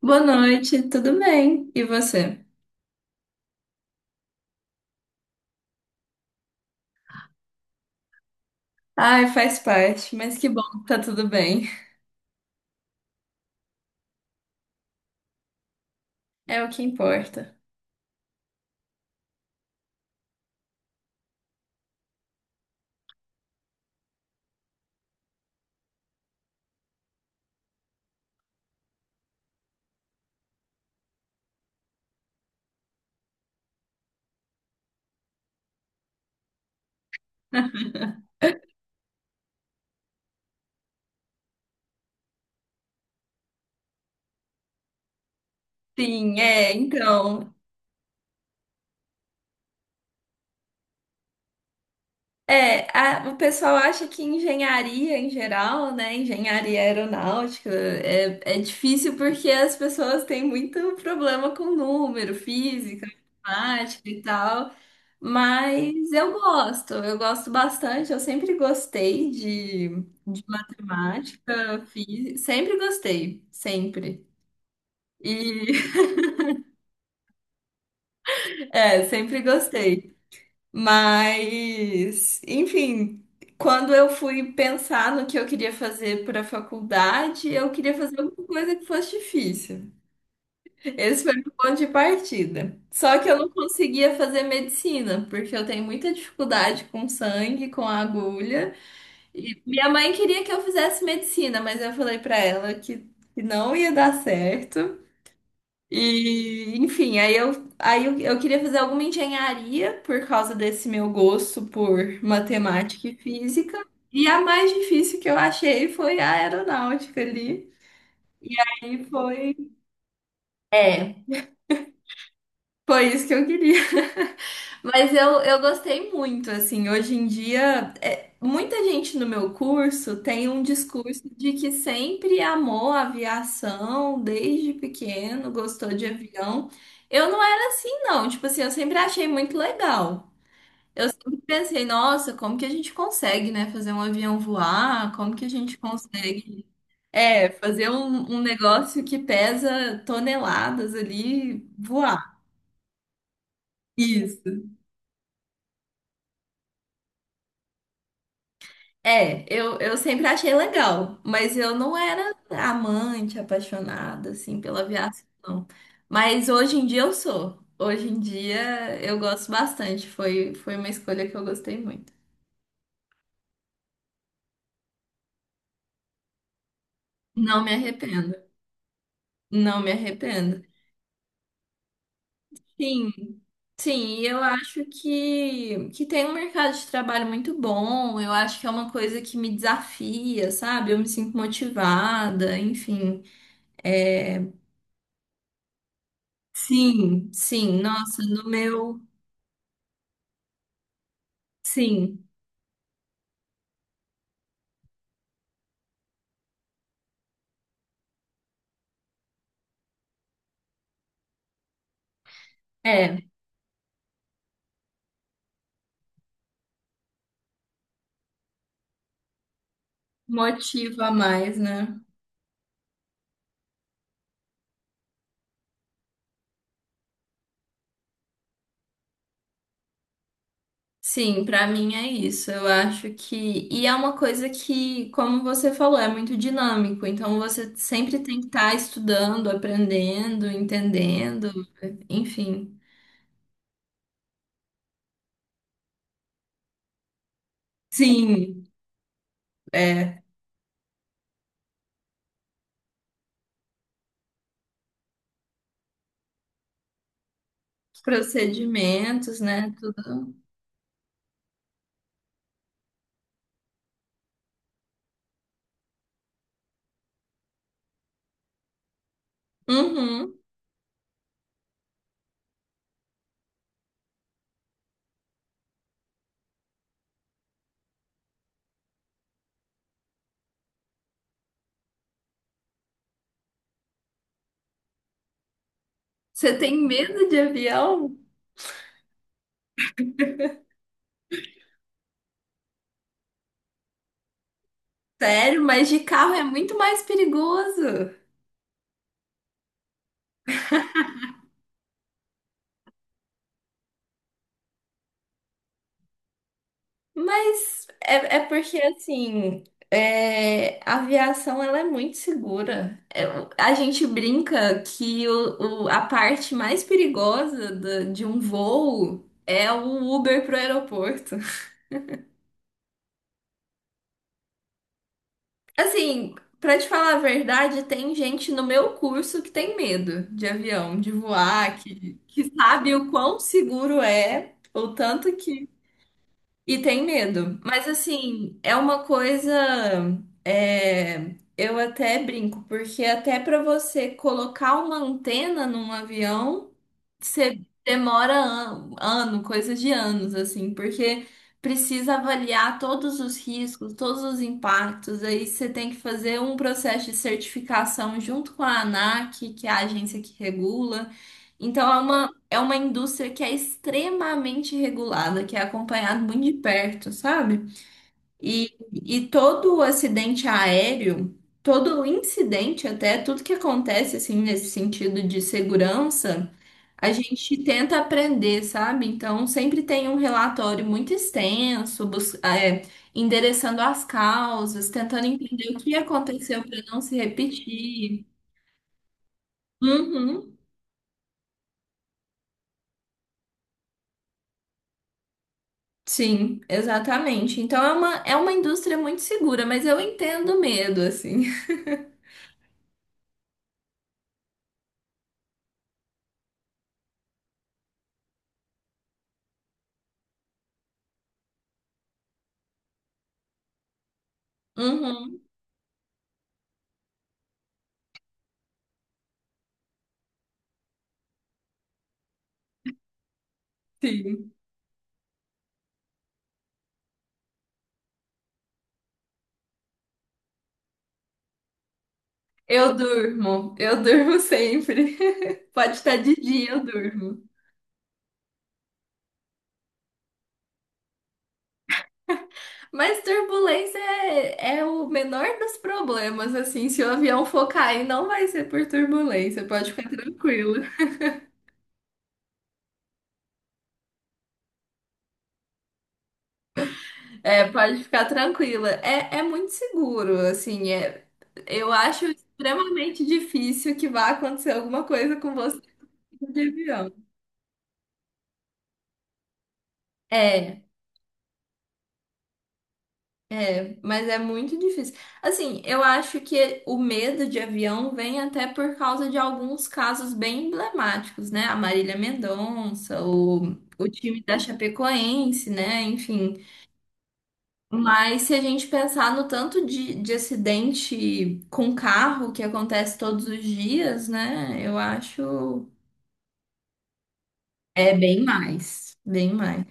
Boa noite, tudo bem? E você? Ai, faz parte, mas que bom que tá tudo bem. É o que importa. Sim, é, então. É, o pessoal acha que engenharia em geral, né? Engenharia aeronáutica é difícil porque as pessoas têm muito problema com número, física, matemática e tal. Mas eu gosto bastante, eu sempre gostei de matemática, fiz, sempre gostei, sempre. E é, sempre gostei. Mas, enfim, quando eu fui pensar no que eu queria fazer para a faculdade, eu queria fazer alguma coisa que fosse difícil. Esse foi meu ponto de partida. Só que eu não conseguia fazer medicina, porque eu tenho muita dificuldade com sangue, com agulha. E minha mãe queria que eu fizesse medicina, mas eu falei pra ela que não ia dar certo. E, enfim, aí eu queria fazer alguma engenharia por causa desse meu gosto por matemática e física. E a mais difícil que eu achei foi a aeronáutica ali. E foi, é, foi isso que eu queria. Mas eu gostei muito, assim. Hoje em dia, é, muita gente no meu curso tem um discurso de que sempre amou a aviação, desde pequeno, gostou de avião. Eu não era assim, não, tipo assim, eu sempre achei muito legal. Eu sempre pensei, nossa, como que a gente consegue, né, fazer um avião voar? Como que a gente consegue, é, fazer um negócio que pesa toneladas ali voar? Isso. É, eu sempre achei legal, mas eu não era amante, apaixonada, assim, pela aviação, não. Mas hoje em dia eu sou. Hoje em dia eu gosto bastante. Foi uma escolha que eu gostei muito. Não me arrependo. Não me arrependo. Sim, sim, e eu acho que tem um mercado de trabalho muito bom. Eu acho que é uma coisa que me desafia, sabe? Eu me sinto motivada, enfim. É, sim, sim, nossa, no meu. Sim, é, motiva mais, né? Sim, pra mim é isso. Eu acho que. E é uma coisa que, como você falou, é muito dinâmico. Então você sempre tem que estar estudando, aprendendo, entendendo, enfim. Sim, é. Os procedimentos, né? Tudo. Uhum. Você tem medo de avião? Sério, mas de carro é muito mais perigoso. Mas é, é porque, assim, é, a aviação ela é muito segura. É, a gente brinca que a parte mais perigosa de um voo é o Uber pro aeroporto. Assim, pra te falar a verdade, tem gente no meu curso que tem medo de avião, de voar, que sabe o quão seguro é, o tanto que e tem medo. Mas assim, é uma coisa. É, eu até brinco, porque até para você colocar uma antena num avião, você demora an ano, coisa de anos, assim, porque precisa avaliar todos os riscos, todos os impactos. Aí você tem que fazer um processo de certificação junto com a ANAC, que é a agência que regula. Então é uma indústria que é extremamente regulada, que é acompanhada muito de perto, sabe? E todo o acidente aéreo, todo o incidente, até tudo que acontece assim nesse sentido de segurança, a gente tenta aprender, sabe? Então sempre tem um relatório muito extenso, endereçando as causas, tentando entender o que aconteceu para não se repetir. Uhum. Sim, exatamente. Então é é uma indústria muito segura, mas eu entendo o medo, assim. Uhum, sim. Eu durmo sempre. Pode estar de dia, eu durmo. Mas turbulência é o menor dos problemas, assim. Se o avião for cair, não vai ser por turbulência, pode ficar tranquila. É, pode ficar tranquila. É, é muito seguro, assim. É, eu acho extremamente difícil que vá acontecer alguma coisa com você de avião. É, mas é muito difícil. Assim, eu acho que o medo de avião vem até por causa de alguns casos bem emblemáticos, né? A Marília Mendonça, o time da Chapecoense, né? Enfim. Mas se a gente pensar no tanto de acidente com carro que acontece todos os dias, né? Eu acho é bem mais, bem mais.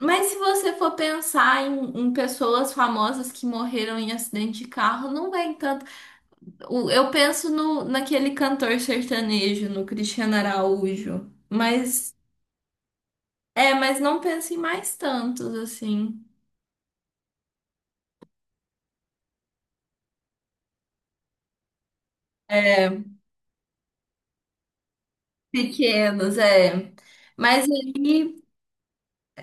Mas se você for pensar em pessoas famosas que morreram em acidente de carro, não vem eu penso no, naquele cantor sertanejo, no Cristiano Araújo, mas é, mas não penso em mais tantos assim. Pequenos, é. Mas aí,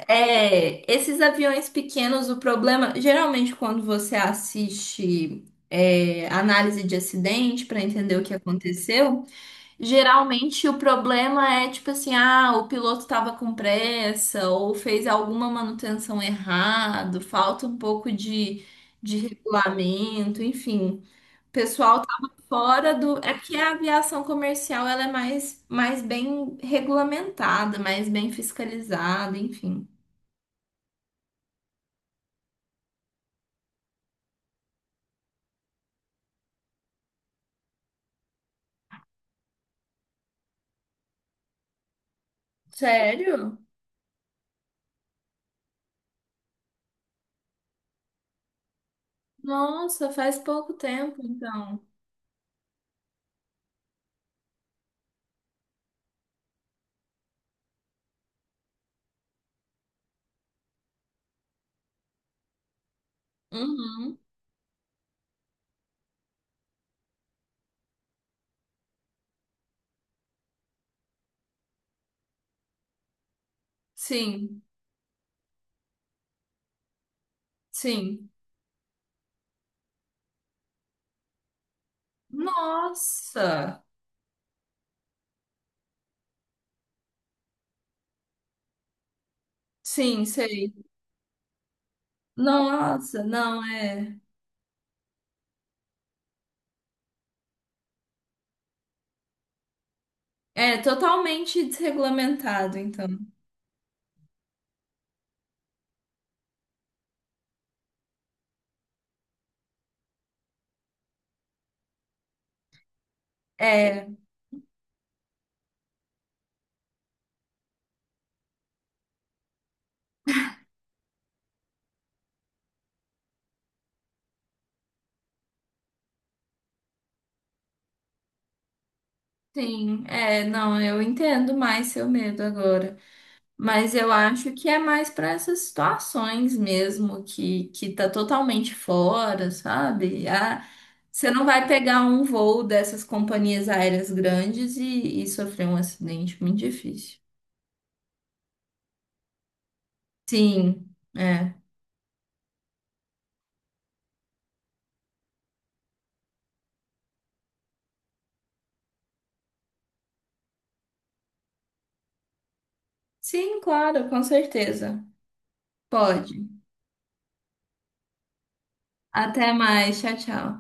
é, esses aviões pequenos, o problema, geralmente quando você assiste é, análise de acidente para entender o que aconteceu, geralmente o problema é tipo assim, ah, o piloto estava com pressa ou fez alguma manutenção errado, falta um pouco de regulamento, enfim. O pessoal estava fora do. É que a aviação comercial ela é mais, mais bem regulamentada, mais bem fiscalizada, enfim. Sério? Nossa, faz pouco tempo então. Uhum. Sim, sim. Nossa! Sim, sei. Nossa, não, é. É totalmente desregulamentado, então. É, sim, é, não, eu entendo mais seu medo agora. Mas eu acho que é mais para essas situações mesmo que tá totalmente fora, sabe? Ah, você não vai pegar um voo dessas companhias aéreas grandes e sofrer um acidente muito difícil. Sim, é. Sim, claro, com certeza. Pode. Até mais, tchau, tchau.